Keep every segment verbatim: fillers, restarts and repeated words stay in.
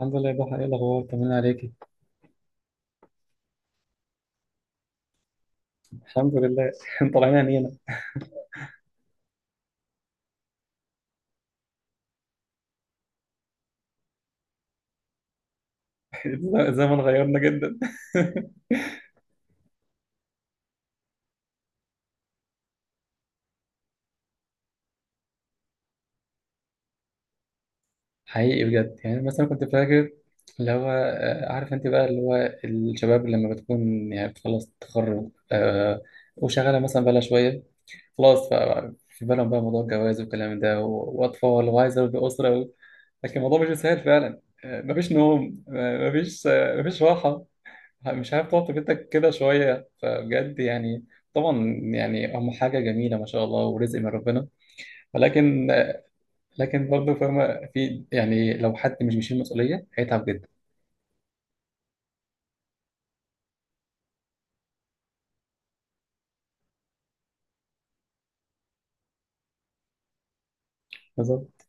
الحمد لله يا ضحى، ايه الاخبار؟ طمنا عليكي. الحمد لله طالعين عينينا. الزمن غيرنا جدا. حقيقي بجد، يعني مثلا كنت فاكر اللي هو آه، عارف انت بقى اللي هو الشباب لما بتكون يعني بتخلص التخرج، آه، وشغاله مثلا بقى لها شويه، خلاص بقى في بالهم بقى موضوع الجواز والكلام ده و- واطفال وعايزه ابني اسره و... لكن الموضوع مش سهل فعلا، آه، مفيش نوم، آه، مفيش آه، مفيش راحه، مش عارف تقعد كده شوية، فبجد يعني. طبعا يعني هم حاجة جميلة ما شاء الله ورزق من ربنا، ولكن، لكن برضه فاهمة، في يعني لو حد مش بيشيل مسؤولية هيتعب جدا. بالظبط.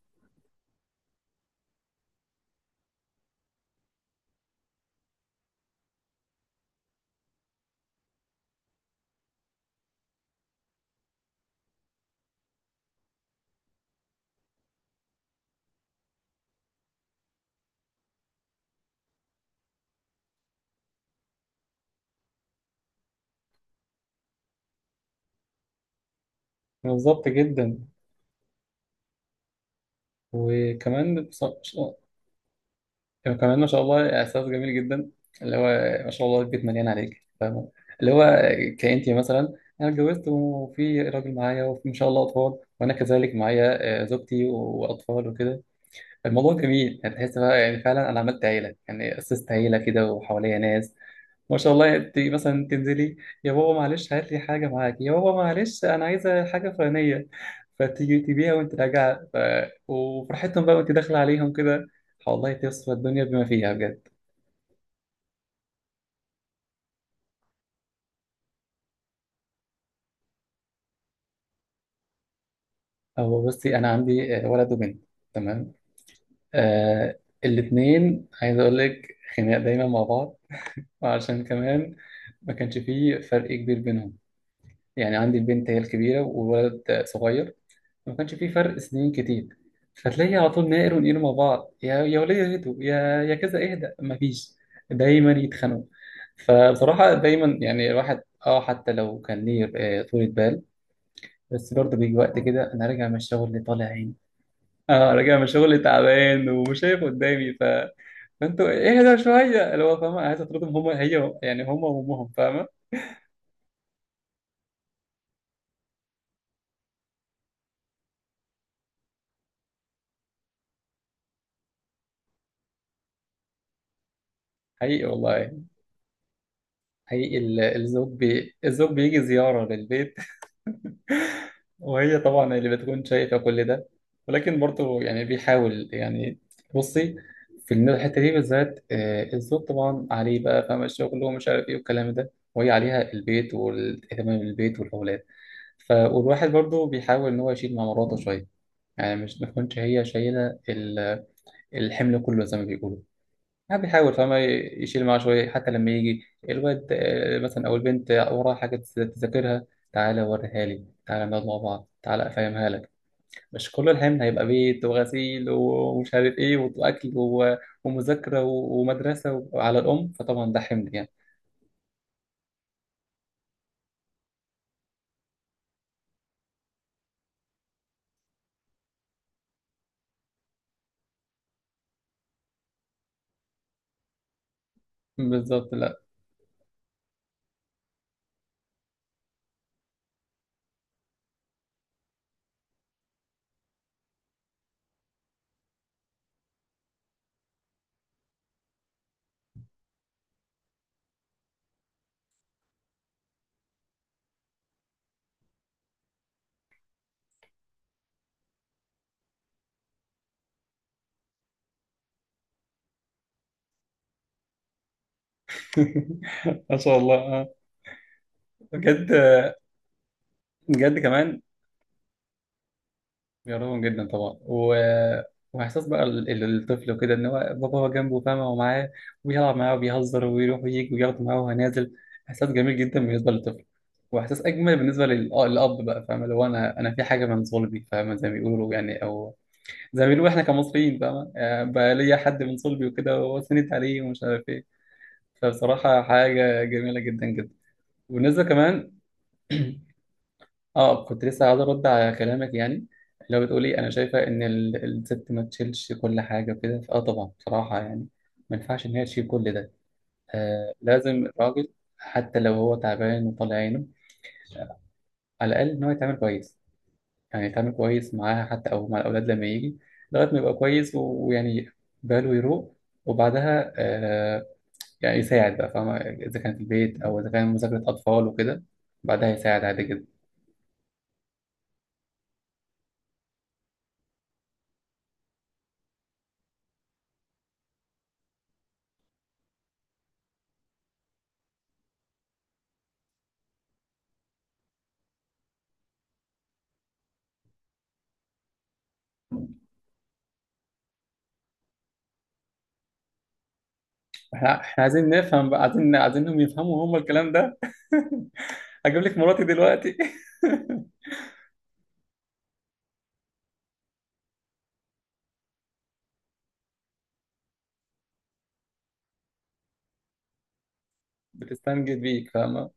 بالظبط جدا. وكمان بص- مش- كمان ما شاء الله إحساس جميل جدا، اللي هو ما شاء الله البيت مليان عليك، فاهمة؟ اللي هو كأنتي مثلا، أنا اتجوزت وفي راجل معايا وما شاء الله أطفال، وأنا كذلك معايا آه، زوجتي وأطفال وكده. الموضوع جميل، هتحس بقى يعني فعلا انا عملت عيله، يعني اسست عيله كده وحواليا ناس. ما شاء الله انت مثلا تنزلي، يا بابا معلش هات لي حاجه معاك، يا بابا معلش انا عايزه حاجه فلانيه، فتيجي تبيها وانت راجعه ف... وفرحتهم بقى وانت داخله عليهم كده، والله تصفى الدنيا بما فيها بجد. هو بصي، انا عندي آه، ولد وبنت. تمام. آه. الاثنين عايز اقول لك خناق دايما مع بعض، عشان كمان ما كانش فيه فرق كبير بينهم. يعني عندي البنت هي الكبيرة وولد صغير، ما كانش فيه فرق سنين كتير، فتلاقي على طول ناقر ونقير مع بعض، يا يا ولية اهدوا، يا يا كذا اهدى، ما فيش، دايما يتخانقوا. فبصراحة دايما يعني الواحد اه حتى لو كان ليه آه، طولة بال، بس برضه بيجي وقت كده انا راجع من الشغل اللي طالع عيني. اه راجع من الشغل تعبان ومش شايف قدامي ف... فانتوا اهدى شوية، اللي هو فاهمة، عايز اطردهم هما، هي يعني هما وامهم، فاهمة؟ حقيقي والله. حقيقي، ال- الزوج بي... الزوج بيجي زيارة للبيت. وهي طبعا اللي بتكون شايفة كل ده، ولكن برضه يعني بيحاول يعني. بصي، في الحتة دي بالذات، آه، الزوج طبعا عليه بقى، فاهم، الشغل ومش عارف ايه والكلام ده، وهي عليها البيت والاهتمام بالبيت والأولاد. ف... والواحد برضه بيحاول إن هو يشيل مع مراته شوية، يعني مش ما تكونش هي شايلة ال- الحمل كله زي ما بيقولوا. ما بيحاول فما يشيل معاه شوية، حتى لما يجي الواد آه، مثلا أو البنت وراها حاجة تز- تذاكرها، تعالى وريها لي، تعالى نقعد مع بعض، تعالى أفهمها لك. مش كل الحمل هيبقى بيت وغسيل ومش عارف إيه وأكل و- ومذاكرة و- ومدرسة على الأم، فطبعا ده حمل يعني. بالظبط، لا. ما شاء الله آه. بجد. بجد كمان بيقربهم جدا طبعا و... واحساس بقى ال- ال- الطفل وكده ان هو بابا هو جنبه فاهمه ومعاه وبيلعب معاه وبيهزر ويروح ويجي وياخده معاه وهو نازل، احساس جميل جدا بالنسبه للطفل، واحساس اجمل بالنسبه لل- آه، للاب بقى، فاهمه؟ لو انا انا في حاجه من صلبي، فاهمه، زي ما بيقولوا يعني، او زي ما بيقولوا احنا كمصريين، فاهمه، آه، بقى ليا حد من صلبي وكده وسندت عليه ومش عارف ايه. فبصراحه حاجه جميله جدا جدا. وبالنسبه كمان اه كنت لسه عايز ارد على كلامك يعني، اللي هو بتقولي انا شايفه ان ال- الست ما تشيلش كل حاجه وكده، فاه طبعا بصراحه يعني ما ينفعش ان هي تشيل كل ده. آه لازم الراجل حتى لو هو تعبان وطالع عينه، على الاقل ان هو يتعامل كويس، يعني يتعامل كويس معاها حتى او مع الاولاد لما يجي، لغايه ما يبقى كويس و- ويعني باله يروق، وبعدها آه يعني يساعد بقى، فاهمه، اذا كان في البيت او اذا كان مذاكره اطفال وكده، بعدها يساعد عادي جدا. احنا احنا عايزين نفهم بقى، عايزين، عايزينهم يفهموا هم الكلام ده. هجيب لك مراتي دلوقتي. بتستنجد بيك، فاهمة؟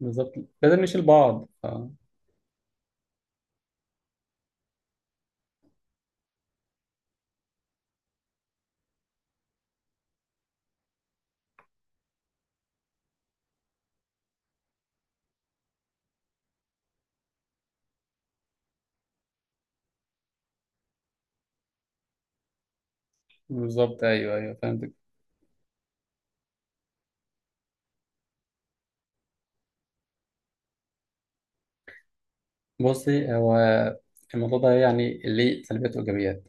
بالظبط. لازم نشيل بعض، فاهمة؟ بالظبط، ايوه، ايوه فهمتك. بصي هو الموضوع ده يعني ليه سلبيات وايجابيات،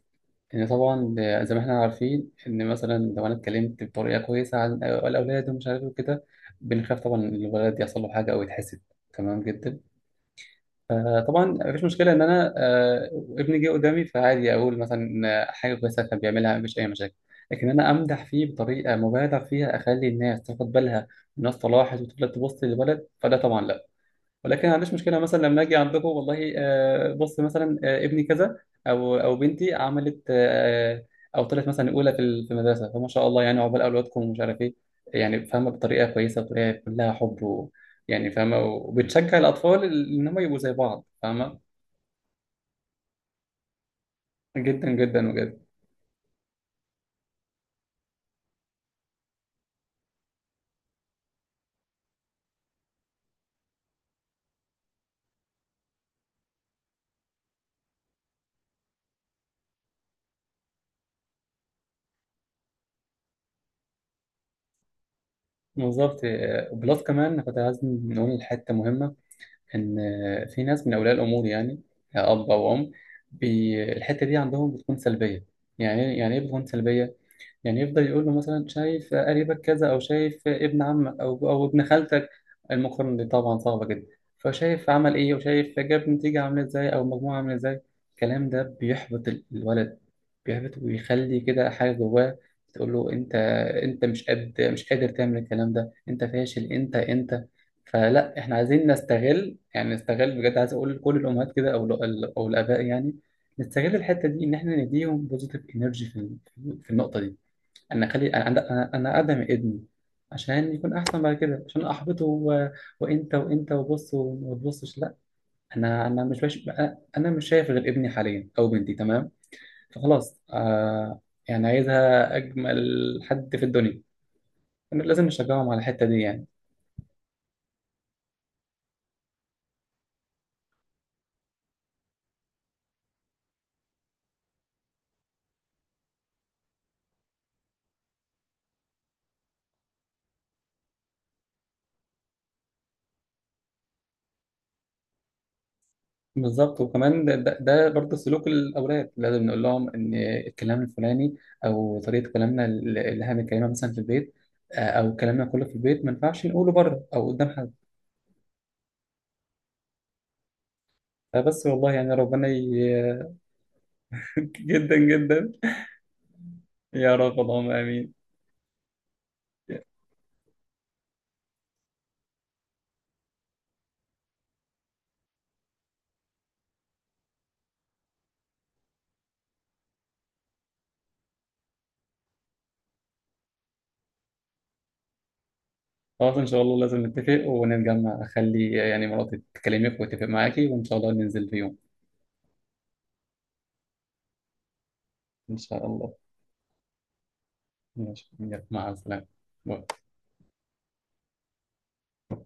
ان طبعا زي ما احنا عارفين ان مثلا لو انا اتكلمت بطريقه كويسه عن الاولاد ومش عارف إيه وكده، بنخاف طبعا ان الولد يحصل له حاجه او يتحسد. تمام جدا. آه، طبعا مفيش مشكلة إن أنا آه، ابني جه قدامي، فعادي أقول مثلا آه، حاجة كويسة كان بيعملها، مفيش أي مشاكل. لكن أنا أمدح فيه بطريقة مبالغ فيها أخلي الناس تاخد بالها، الناس طلعت وتفضل تبص للولد، فده طبعا لا. ولكن ما عنديش مشكله مثلا لما اجي عندكم والله، آه، بص مثلا، آه، ابني كذا او او بنتي عملت آه، او طلعت مثلا اولى في ال- في المدرسه، فما شاء الله يعني عقبال اولادكم ومش عارف ايه. يعني فاهمه، بطريقه كويسه، بطريقه كلها حب و يعني فاهمه، وبتشجع الاطفال ان هم يبقوا زي بعض، فاهمه؟ جدا جدا بجد. بالظبط. آه، بلس كمان كنت عايز نقول حته مهمه، ان آه، في ناس من اولياء الامور يعني، آه، اب او ام بي- الحته دي عندهم بتكون سلبيه. يعني إيه، يعني ايه بتكون سلبيه؟ يعني يفضل يقول له مثلا شايف قريبك كذا، او شايف ابن عمك او او ابن خالتك. المقارنه دي طبعا صعبه جدا، فشايف عمل ايه وشايف جاب نتيجه عامله ازاي او مجموعه عامله ازاي. الكلام ده بيحبط ال- الولد، بيحبط ويخلي كده حاجه جواه، تقول له انت انت مش قد مش قادر تعمل الكلام ده، انت فاشل، انت انت. فلا احنا عايزين نستغل، يعني نستغل، بجد عايز اقول لكل الامهات كده او ال- او الاباء يعني، نستغل الحته دي ان احنا نديهم بوزيتيف انرجي في ال- في النقطه دي. انا اخلي انا انا أنا اقدم ابني عشان يكون احسن بعد كده، عشان احبطه و... وانت وانت وبص وما تبصش، لا. انا انا مش باش... انا أنا مش شايف غير ابني حاليا او بنتي، تمام؟ فخلاص آه يعني عايزها اجمل حد في الدنيا، أنا لازم نشجعهم على الحته دي يعني. بالظبط. وكمان ده, ده, ده برضه سلوك الاولاد، لازم نقول لهم ان الكلام الفلاني او طريقه كلامنا اللي اللي احنا بنتكلمها مثلا في البيت، آه، او كلامنا كله في البيت ما ينفعش نقوله بره او قدام حد. آه، بس والله يعني ربنا ي... جدا جدا. يا رب اللهم امين. خلاص ان شاء الله لازم نتفق ونتجمع، اخلي يعني مراتي تكلمك وتتفق معاكي وان شاء الله ننزل في يوم. ان شاء الله. ماشي، يلا، مع السلامه. باي.